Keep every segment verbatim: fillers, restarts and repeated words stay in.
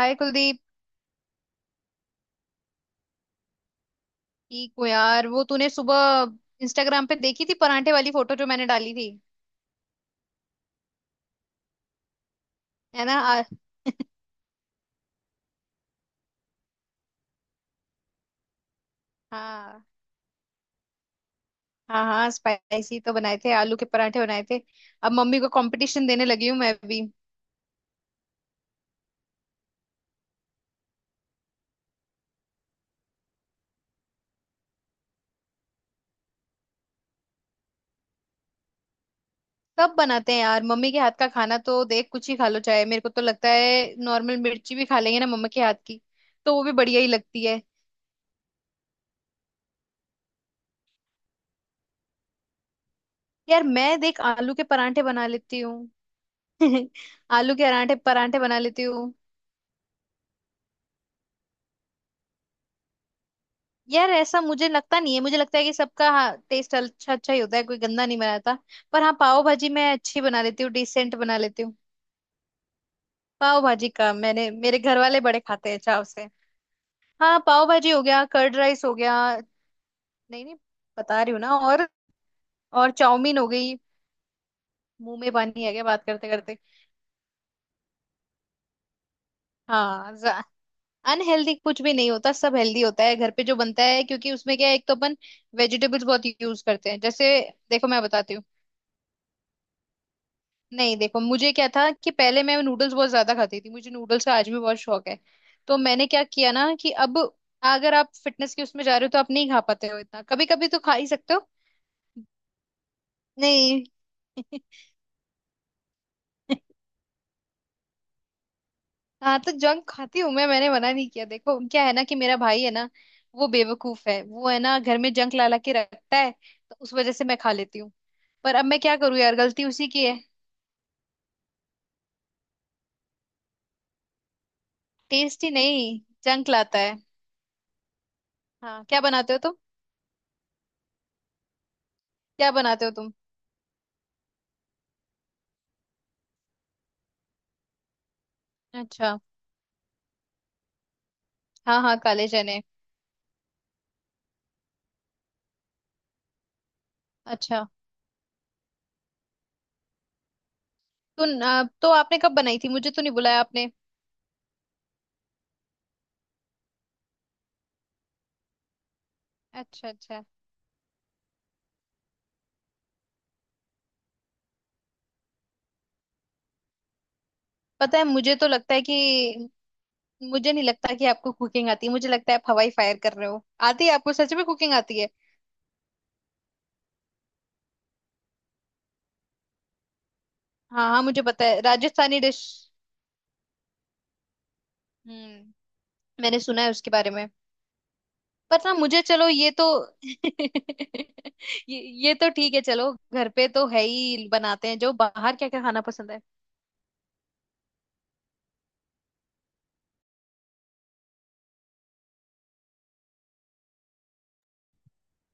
हाय कुलदीप। ठीक हो यार? वो तूने सुबह इंस्टाग्राम पे देखी थी परांठे वाली फोटो जो मैंने डाली थी? है ना। आ, हाँ हाँ, हाँ स्पाइसी तो बनाए थे, आलू के परांठे बनाए थे। अब मम्मी को कंपटीशन देने लगी हूँ मैं भी। सब बनाते हैं यार, मम्मी के हाथ का खाना तो देख, कुछ ही खा लो चाहे। मेरे को तो लगता है नॉर्मल मिर्ची भी खा लेंगे ना मम्मा के हाथ की, तो वो भी बढ़िया ही लगती है। यार मैं देख, आलू के परांठे बना लेती हूँ। आलू के परांठे, परांठे बना लेती हूँ। यार ऐसा मुझे लगता नहीं है, मुझे लगता है कि सबका, हाँ, टेस्ट अच्छा, अच्छा ही होता है, कोई गंदा नहीं बनाता। पर हाँ, पाव भाजी मैं अच्छी बना लेती हूँ, डिसेंट बना लेती हूँ। पाव भाजी का, मैंने, मेरे घर वाले बड़े खाते हैं चाव से। हाँ, पाव भाजी हो गया, कर्ड राइस हो गया। नहीं नहीं, बता रही हूँ ना, और और चाउमीन हो गई। मुंह में पानी आ गया बात करते करते। हाँ, अनहेल्दी कुछ भी नहीं होता, सब हेल्दी होता है घर पे जो बनता है। क्योंकि उसमें क्या है, एक तो अपन वेजिटेबल्स बहुत यूज करते हैं, जैसे देखो, मैं बताती हूँ। नहीं देखो, मुझे क्या था कि पहले मैं नूडल्स बहुत ज्यादा खाती थी, मुझे नूडल्स का आज भी बहुत शौक है। तो मैंने क्या किया ना, कि अब अगर आप फिटनेस के उसमें जा रहे हो तो आप नहीं खा पाते हो इतना, कभी कभी तो खा ही सकते हो। नहीं। हाँ, तो जंक खाती हूँ मैं, मैंने मना नहीं किया। देखो क्या है ना, कि मेरा भाई है ना, वो बेवकूफ है, वो है ना घर में जंक ला ला के रखता है। तो उस वजह से मैं खा लेती हूँ। पर अब मैं क्या करूँ यार, गलती उसी की है। टेस्ट ही नहीं, जंक लाता है। हाँ क्या बनाते हो तुम? क्या बनाते हो तुम? अच्छा। हाँ हाँ, काले चने। अच्छा, तो न- तो आपने कब बनाई थी? मुझे तो नहीं बुलाया आपने। अच्छा अच्छा, पता है, मुझे तो लगता है कि मुझे नहीं लगता कि आपको कुकिंग आती है। मुझे लगता है आप हवाई फायर कर रहे हो। आती है आपको? सच में कुकिंग आती है? हाँ हाँ, मुझे पता है, राजस्थानी डिश। हम्म। मैंने सुना है उसके बारे में। पर ना मुझे, चलो ये तो, ये ये तो ठीक है, चलो घर पे तो है ही, बनाते हैं जो। बाहर क्या क्या खाना पसंद है?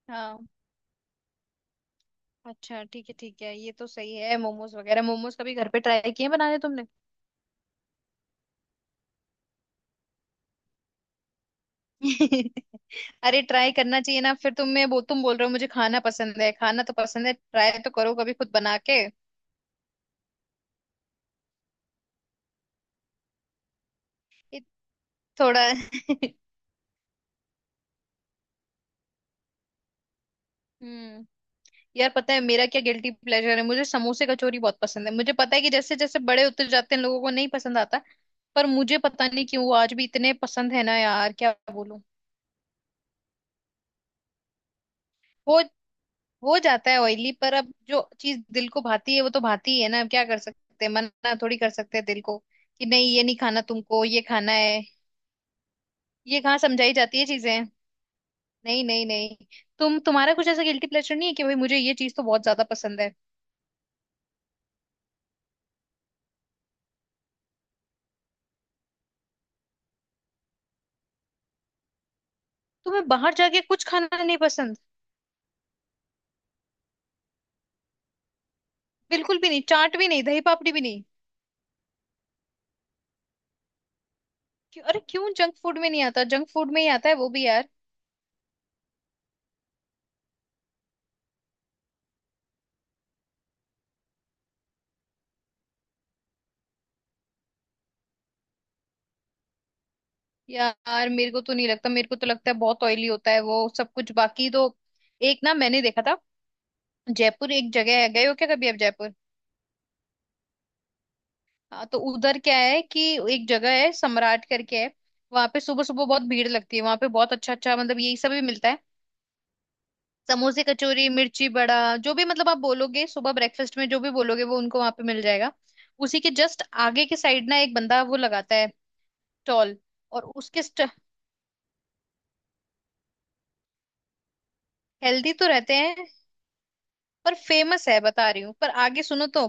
हाँ। अच्छा ठीक है, ठीक है, ये तो सही है मोमोज वगैरह। मोमोज कभी घर पे ट्राई किए हैं बनाने तुमने? अरे ट्राई करना चाहिए ना, फिर तुम, मैं वो, तुम बोल रहे हो मुझे खाना पसंद है, खाना तो पसंद है, ट्राई तो करो कभी खुद बना के। ये थोड़ा। हम्म। यार पता है मेरा क्या गिल्टी प्लेजर है? मुझे समोसे कचौरी बहुत पसंद है। मुझे पता है कि जैसे जैसे बड़े होते जाते हैं लोगों को नहीं पसंद आता, पर मुझे पता नहीं क्यों वो आज भी इतने पसंद है ना यार, क्या बोलूं। हो हो जाता है ऑयली, पर अब जो चीज दिल को भाती है वो तो भाती ही है ना। अब क्या कर सकते हैं, मना थोड़ी कर सकते हैं दिल को कि नहीं ये नहीं खाना तुमको, ये खाना है। ये कहाँ समझाई जाती है चीजें। नहीं नहीं नहीं, तुम, तुम्हारा कुछ ऐसा गिल्टी प्लेजर नहीं है कि भाई मुझे ये चीज तो बहुत ज्यादा पसंद है? तुम्हें बाहर जाके कुछ खाना नहीं पसंद? बिल्कुल भी नहीं? चाट भी नहीं? दही पापड़ी भी नहीं? क्यों? अरे क्यों जंक फूड में नहीं आता? जंक फूड में ही आता है वो भी यार। यार मेरे को तो नहीं लगता, मेरे को तो लगता है बहुत ऑयली होता है वो सब कुछ। बाकी तो, एक ना मैंने देखा था, जयपुर एक जगह है, गए हो क्या कभी आप जयपुर? हाँ, तो उधर क्या है कि एक जगह है, सम्राट करके है। वहां पे सुबह सुबह बहुत भीड़ लगती है, वहां पे बहुत अच्छा अच्छा, मतलब यही सब भी मिलता है, समोसे कचौरी मिर्ची बड़ा, जो भी मतलब आप बोलोगे सुबह ब्रेकफास्ट में, जो भी बोलोगे वो उनको वहां पे मिल जाएगा। उसी के जस्ट आगे की साइड ना एक बंदा वो लगाता है स्टॉल। और उसके, हेल्दी तो रहते हैं, पर फेमस है, बता रही हूँ, पर आगे सुनो तो।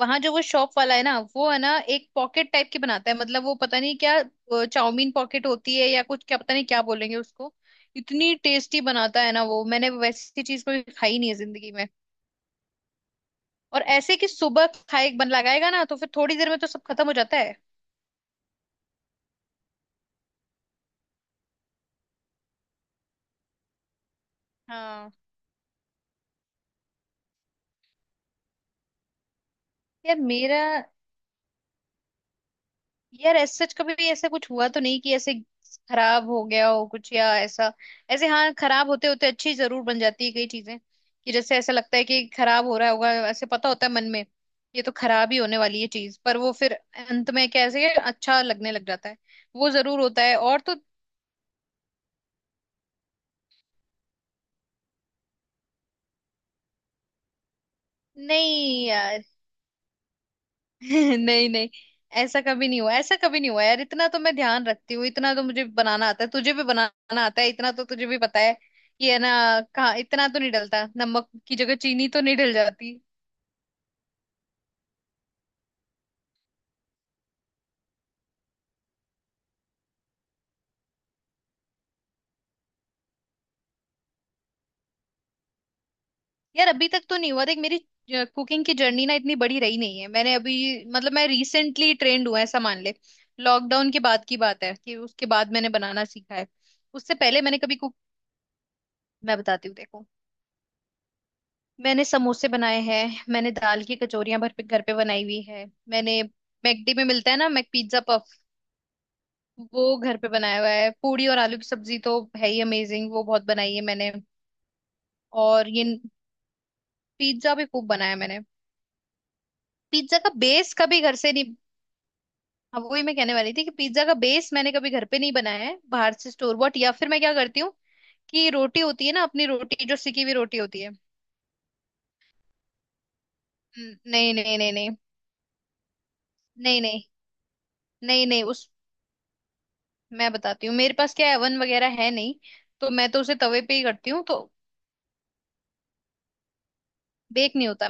वहां जो वो शॉप वाला है ना, वो है ना एक पॉकेट टाइप की बनाता है, मतलब वो पता नहीं क्या अ, चाउमीन पॉकेट होती है या कुछ, क्या पता नहीं क्या बोलेंगे उसको। इतनी टेस्टी बनाता है ना वो, मैंने वैसी चीज कभी खाई नहीं है जिंदगी। और ऐसे कि सुबह खाए बन लगाएगा ना, तो फिर थोड़ी देर में तो सब खत्म हो जाता है। हाँ यार, मेरा, यार ऐसे सच कभी भी ऐसा कुछ हुआ तो नहीं कि ऐसे खराब हो गया हो कुछ या ऐसा। ऐसे हाँ, खराब होते होते अच्छी जरूर बन जाती है कई चीजें, कि जैसे ऐसा लगता है कि खराब हो रहा होगा, ऐसे पता होता है मन में ये तो खराब ही होने वाली है चीज, पर वो फिर अंत में कैसे अच्छा लगने लग जाता है। वो जरूर होता है, और तो नहीं। नहीं नहीं, ऐसा कभी नहीं हुआ, ऐसा कभी नहीं हुआ यार, इतना तो मैं ध्यान रखती हूँ, इतना तो मुझे बनाना आता है। तुझे भी बनाना आता है, इतना तो तुझे भी पता है कि, है ना? कहाँ इतना तो नहीं डलता, नमक की जगह चीनी तो नहीं डल जाती। यार अभी तक तो नहीं हुआ, देख मेरी कुकिंग की जर्नी ना इतनी बड़ी रही नहीं है, मैंने अभी, मतलब मैं रिसेंटली ट्रेंड हुआ, ऐसा मान ले। लॉकडाउन के बाद की बात है कि उसके बाद मैंने बनाना सीखा है। उससे पहले मैंने कभी कुक, मैं बताती हूँ देखो, मैंने समोसे बनाए हैं, मैंने दाल की कचौरियां घर पे, घर पे बनाई हुई है मैंने। मैकडी में मिलता है ना मैक पिज्जा पफ, वो घर पे बनाया हुआ है। पूड़ी और आलू की सब्जी तो है ही अमेजिंग, वो बहुत बनाई है मैंने। और ये पिज्जा भी खूब बनाया मैंने। पिज्जा का बेस कभी घर से नहीं, हाँ वही मैं कहने वाली थी कि पिज्जा का बेस मैंने कभी घर पे नहीं बनाया है, बाहर से स्टोर बॉट, या फिर मैं क्या करती हूँ कि रोटी होती है ना अपनी रोटी, जो सिकी हुई रोटी होती है। हम्म, नहीं नहीं नहीं नहीं, नहीं नहीं, नहीं नहीं उस, मैं बताती हूँ, मेरे पास क्या ओवन वगैरह है नहीं, तो मैं तो उसे तवे पे ही करती हूँ तो। बेक नहीं होता।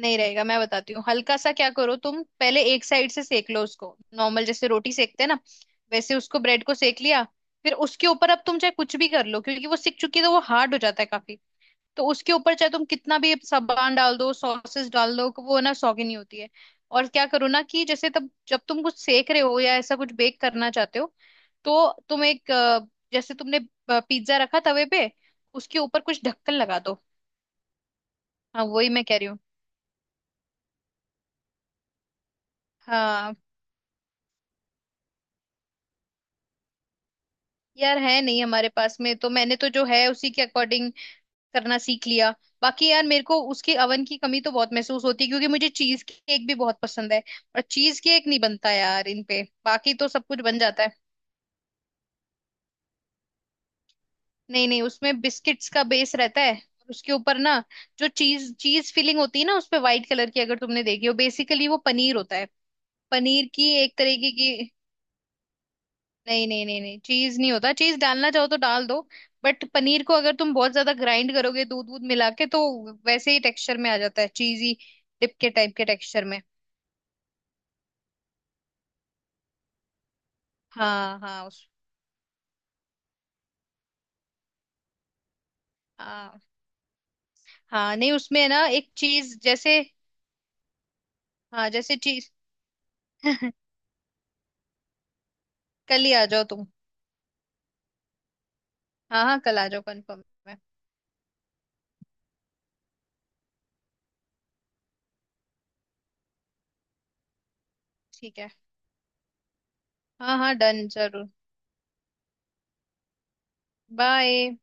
नहीं रहेगा, मैं बताती हूँ, हल्का सा क्या करो तुम, पहले एक साइड से सेक लो उसको नॉर्मल, जैसे रोटी सेकते हैं ना, वैसे उसको ब्रेड को सेक लिया। फिर उसके ऊपर अब तुम चाहे कुछ भी कर लो, क्योंकि वो सिक चुकी है तो वो हार्ड हो जाता है काफी। तो उसके ऊपर चाहे तुम कितना भी सामान डाल दो, सॉसेस डाल दो, वो ना सौगी नहीं होती है। और क्या करो ना, कि जैसे तब जब तुम कुछ सेक रहे हो या ऐसा कुछ बेक करना चाहते हो, तो तुम एक अ, जैसे तुमने पिज्जा रखा तवे पे, उसके ऊपर कुछ ढक्कन लगा दो। हाँ वही मैं कह रही हूँ। हाँ, यार है नहीं हमारे पास में, तो मैंने तो जो है उसी के अकॉर्डिंग करना सीख लिया। बाकी यार मेरे को उसके अवन की कमी तो बहुत महसूस होती है, क्योंकि मुझे चीज केक भी बहुत पसंद है, और चीज केक नहीं बनता यार इन पे। बाकी तो सब कुछ बन जाता है। नहीं नहीं, उसमें बिस्किट्स का बेस रहता है, और उसके ऊपर ना जो चीज, चीज फिलिंग होती है ना, उस पे व्हाइट कलर की अगर तुमने देखी हो, बेसिकली वो पनीर होता है। पनीर की एक तरीके की, नहीं नहीं नहीं नहीं, चीज नहीं होता, चीज डालना चाहो तो डाल दो, बट पनीर को अगर तुम बहुत ज्यादा ग्राइंड करोगे दूध दूध मिला के, तो वैसे ही टेक्सचर में आ जाता है चीजी, डिप के टाइप के टेक्सचर में। हाँ हाँ उस, हाँ, हाँ नहीं, उसमें ना एक चीज जैसे, हाँ जैसे चीज। कल ही आ जाओ तुम। हाँ हाँ, कल आ जाओ, कंफर्म है। ठीक है, हाँ हाँ, डन, जरूर। बाय।